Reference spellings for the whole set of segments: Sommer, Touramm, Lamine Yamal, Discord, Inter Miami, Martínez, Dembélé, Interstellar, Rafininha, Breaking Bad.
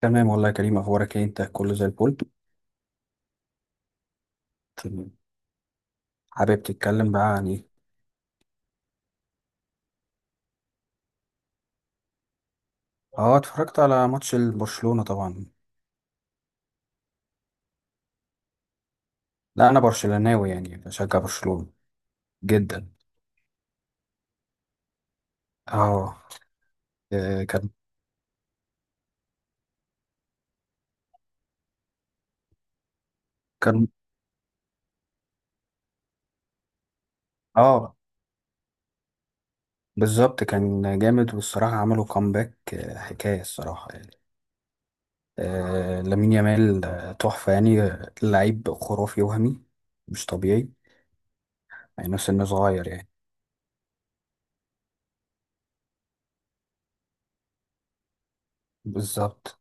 تمام والله يا كريم، اخبارك ايه؟ انت كله زي الفل، تمام. حابب تتكلم بقى عن ايه؟ اه، اتفرجت على ماتش برشلونة طبعا. لا، انا برشلوناوي يعني بشجع برشلونة، جدا. اه. آه، كان كان اه بالظبط، كان جامد، والصراحة عملوا كومباك، حكاية الصراحة يعني. لامين يامال، تحفة يعني، لعيب خرافي وهمي، مش طبيعي يعني، نفس انه صغير يعني. بالظبط.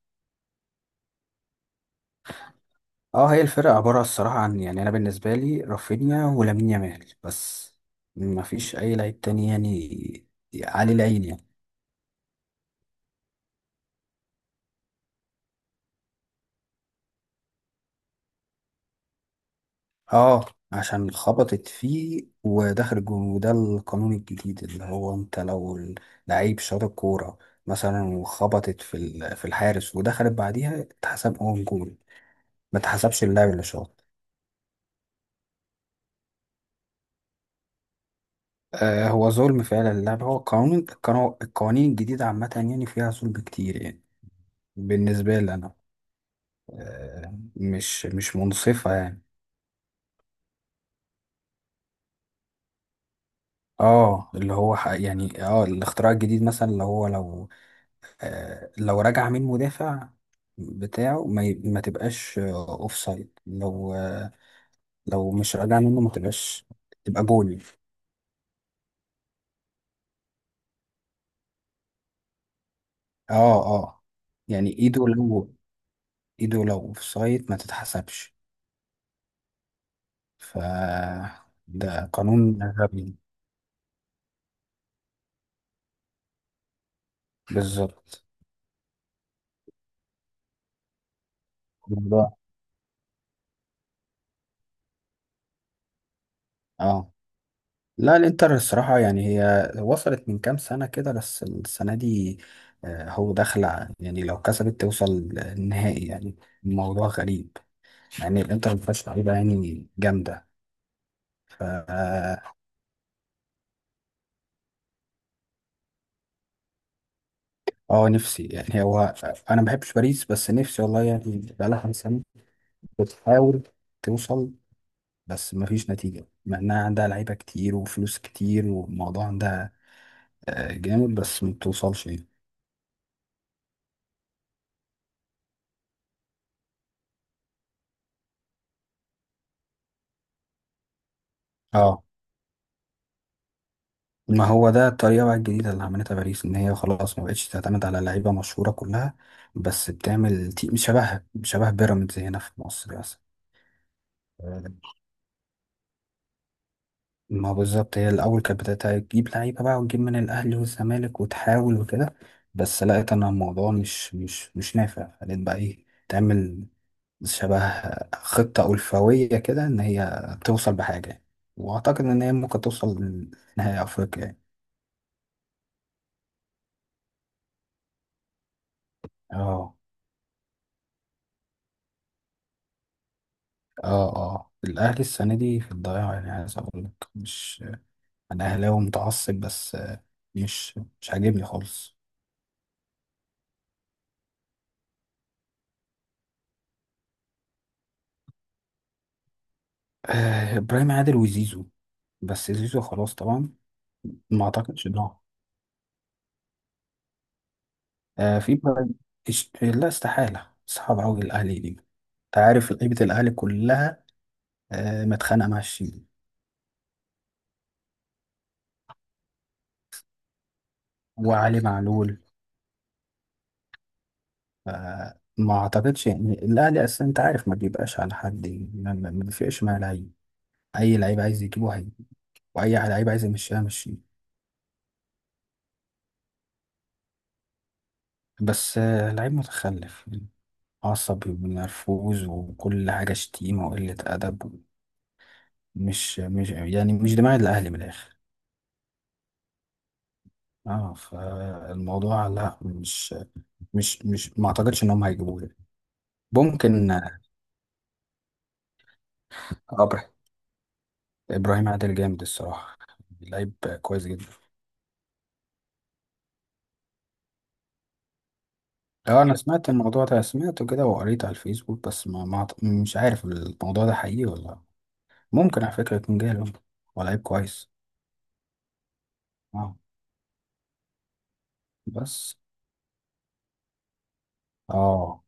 اه هي الفرقة عبارة الصراحة عن، يعني أنا بالنسبة لي رافينيا ولامين يامال بس، ما فيش أي لعيب تاني يعني، عليه العين يعني. اه، عشان خبطت فيه ودخل الجون، وده القانون الجديد، اللي هو انت لو لعيب شاط الكورة مثلا وخبطت في الحارس ودخلت بعديها، اتحسب اون جول، ما اتحسبش اللاعب اللي شاط. آه، هو ظلم فعلا اللاعب. هو قانون، القوانين الجديدة عامة يعني فيها ظلم كتير يعني. بالنسبة لي أنا، مش منصفة يعني. اه، اللي هو يعني الاختراع الجديد مثلا، اللي هو لو رجع من مدافع بتاعه ما تبقاش اوف سايد، لو مش راجع منه ما تبقاش، تبقى جول. اه، اه، يعني ايده لو اوف سايد ما تتحسبش. ف ده قانون غبي. بالظبط. الموضوع اه لا، الانتر الصراحة، يعني هي وصلت من كام سنة كده، بس السنة دي هو داخلة يعني، لو كسبت توصل النهائي يعني. الموضوع غريب، مع ان الانتر ما فيهاش لعيبة يعني جامدة. ف اه آه، نفسي يعني. هو انا ما بحبش باريس، بس نفسي والله يعني، بقالها كام سنة بتحاول توصل، بس ما فيش نتيجة، مع انها عندها لعيبة كتير وفلوس كتير والموضوع عندها جامد، بس ما بتوصلش يعني. اه، ما هو ده الطريقة بقى الجديدة اللي عملتها باريس، إن هي خلاص ما بقتش تعتمد على لعيبة مشهورة كلها، بس بتعمل شبه بيراميدز هنا في مصر مثلا. مم. ما هو بالظبط، هي الأول كانت بدأت تجيب لعيبة بقى، وتجيب من الأهلي والزمالك، وتحاول وكده، بس لقيت أن الموضوع مش نافع، فلقيت بقى إيه تعمل، شبه خطة ألفوية كده إن هي توصل بحاجة يعني. وأعتقد إن هي ممكن توصل لنهائي أفريقيا يعني. اه، اه، اه، الاهلي السنه دي في الضياع يعني، عايز اقول لك مش، انا اهلاوي متعصب، بس مش عاجبني خالص. آه، ابراهيم عادل وزيزو، بس زيزو خلاص طبعا. ما اعتقدش ان هو. آه، لا، استحاله، صعب قوي الاهلي دي، انت عارف لعيبه الاهلي كلها، متخانقه مع الشيبي. وعلي معلول. ما اعتقدش، يعني الاهلي اصلا انت عارف ما بيبقاش على حد، يعني ما بيفرقش مع لعيب. اي لعيب عايز يجيبه هيجيبه. واي لعيب عايز يمشيها مشيه. بس لعيب متخلف يعني، عصبي ومنرفوز، وكل حاجة شتيمة وقلة أدب. مش يعني مش دماغ الأهلي من الآخر. اه، فالموضوع لا، مش، ما اعتقدش ان هم هيجيبوه يعني. ممكن. أبر- ابراهيم عادل جامد الصراحة، لعيب كويس جدا. اه، انا سمعت الموضوع ده، سمعته كده وقريت على الفيسبوك، بس ما, ما أعت- مش عارف الموضوع ده حقيقي ولا لا. ممكن على فكرة يكون جاهل ولا لعيب كويس. اه، بس. اه،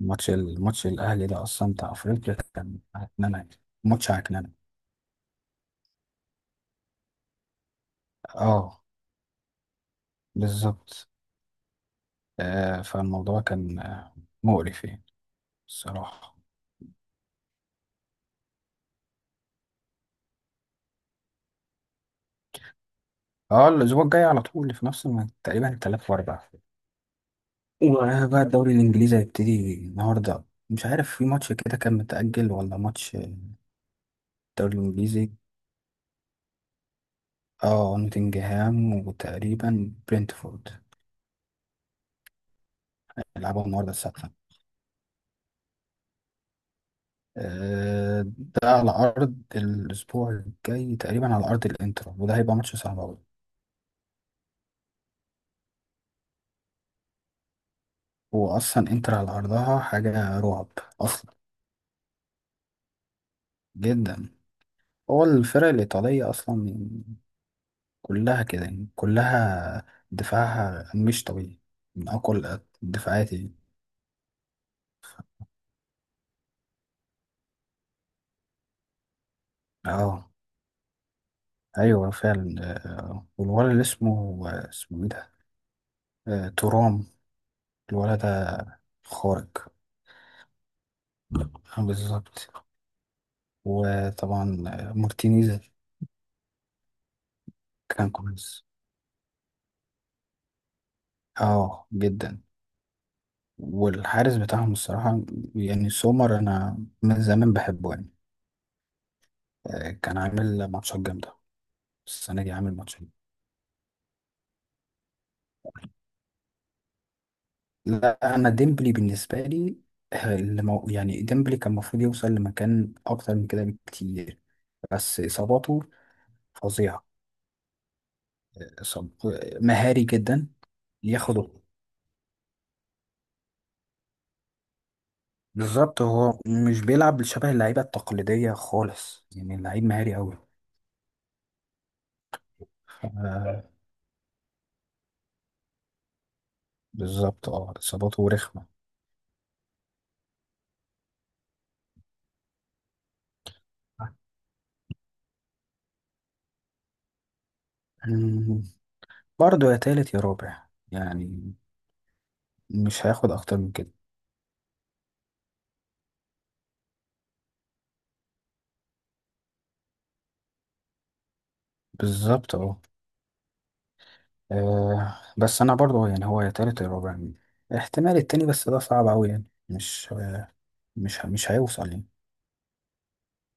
الماتش الاهلي ده اصلا بتاع افريقيا كان هتنمى يعني. ماتش هتنمى. اه، بالظبط. فالموضوع كان مقرف يعني الصراحه. اه، الاسبوع الجاي على طول في نفس تقريبا الثلاث واربع. وبقى الدوري الانجليزي هيبتدي النهارده. مش عارف في ماتش كده كان متأجل، ولا ماتش الدوري الانجليزي. اه، نوتنجهام وتقريبا برينتفورد. يلعبوا النهارده الساعه. ده على أرض، الأسبوع الجاي تقريبا على أرض الإنتر، وده هيبقى ماتش صعب أوي. هو أصلا إنتر على أرضها حاجة رعب أصلا. جدا. هو الفرق الإيطالية أصلا كلها كده يعني، كلها دفاعها مش طبيعي، من أقوى الدفاعات يعني. اه، أيوة فعلا. والولد اللي اسمه إيه ده؟ تورام. الولد ده خارق. آه، بالظبط. وطبعا مارتينيز. كان كويس. اه، جدا. والحارس بتاعهم الصراحة، يعني سومر أنا من زمان بحبه يعني. كان عامل ماتشات جامدة. السنة دي عامل ماتشات. لا، أنا ديمبلي بالنسبة لي يعني ديمبلي كان المفروض يوصل لمكان أكتر من كده بكتير. بس إصاباته فظيعة. إصاب- مهاري جدا، ياخده. بالظبط، هو مش بيلعب شبه اللعيبة التقليدية خالص يعني، اللعيب مهاري أوي. ف- بالظبط، اصاباته رخمه. مم. برضه يا تالت يا رابع، يعني مش هياخد اكتر من كده. بالظبط، بس انا برضه يعني هو يا تالت يا رابع. احتمال التاني، بس ده صعب اوي يعني، مش آه، مش مش هيوصل يعني.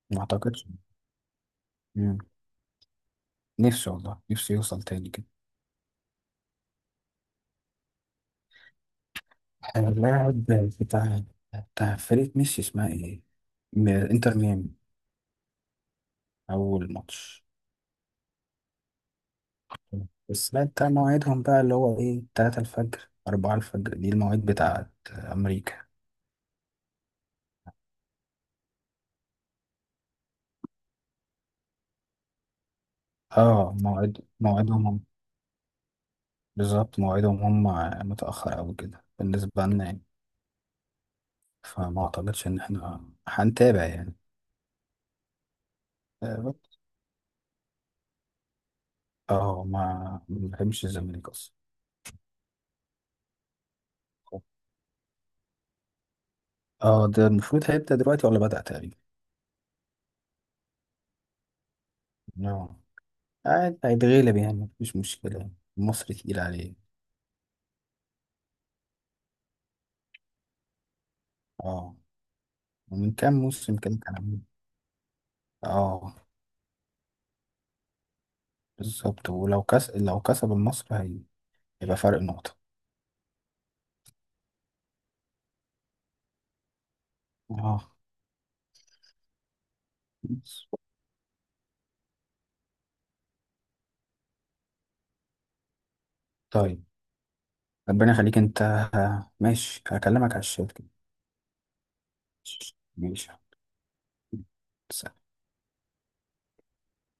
ما اعتقدش. مم. نفسي والله، نفسي يوصل تاني كده. اللاعب بتاع بتاع فريق ميسي اسمها ايه؟ انتر ميامي. اول ماتش. بس لا، انت مواعيدهم بقى اللي هو ايه، 3 الفجر، 4 الفجر، دي المواعيد بتاعت أمريكا. اه، مواعيدهم هم. بالظبط، مواعيدهم هم متأخر أوي كده بالنسبة لنا يعني. فما أعتقدش إن احنا هنتابع يعني. اه ما بحبش الزمالك أصلا. اه، ده المفروض هيبدأ دلوقتي ولا بدأ تقريبا؟ اه، عاد هيتغلب يعني. مفيش مشكلة يعني، مصر تقيل عليه. اه، ومن كام موسم كده كان عامل. اه، بالظبط. لو كسب النصر، هيبقى فرق نقطة. اه، بس. طيب. ربنا يخليك انت. ماشي، هكلمك على الشات كده. ماشي. سلام.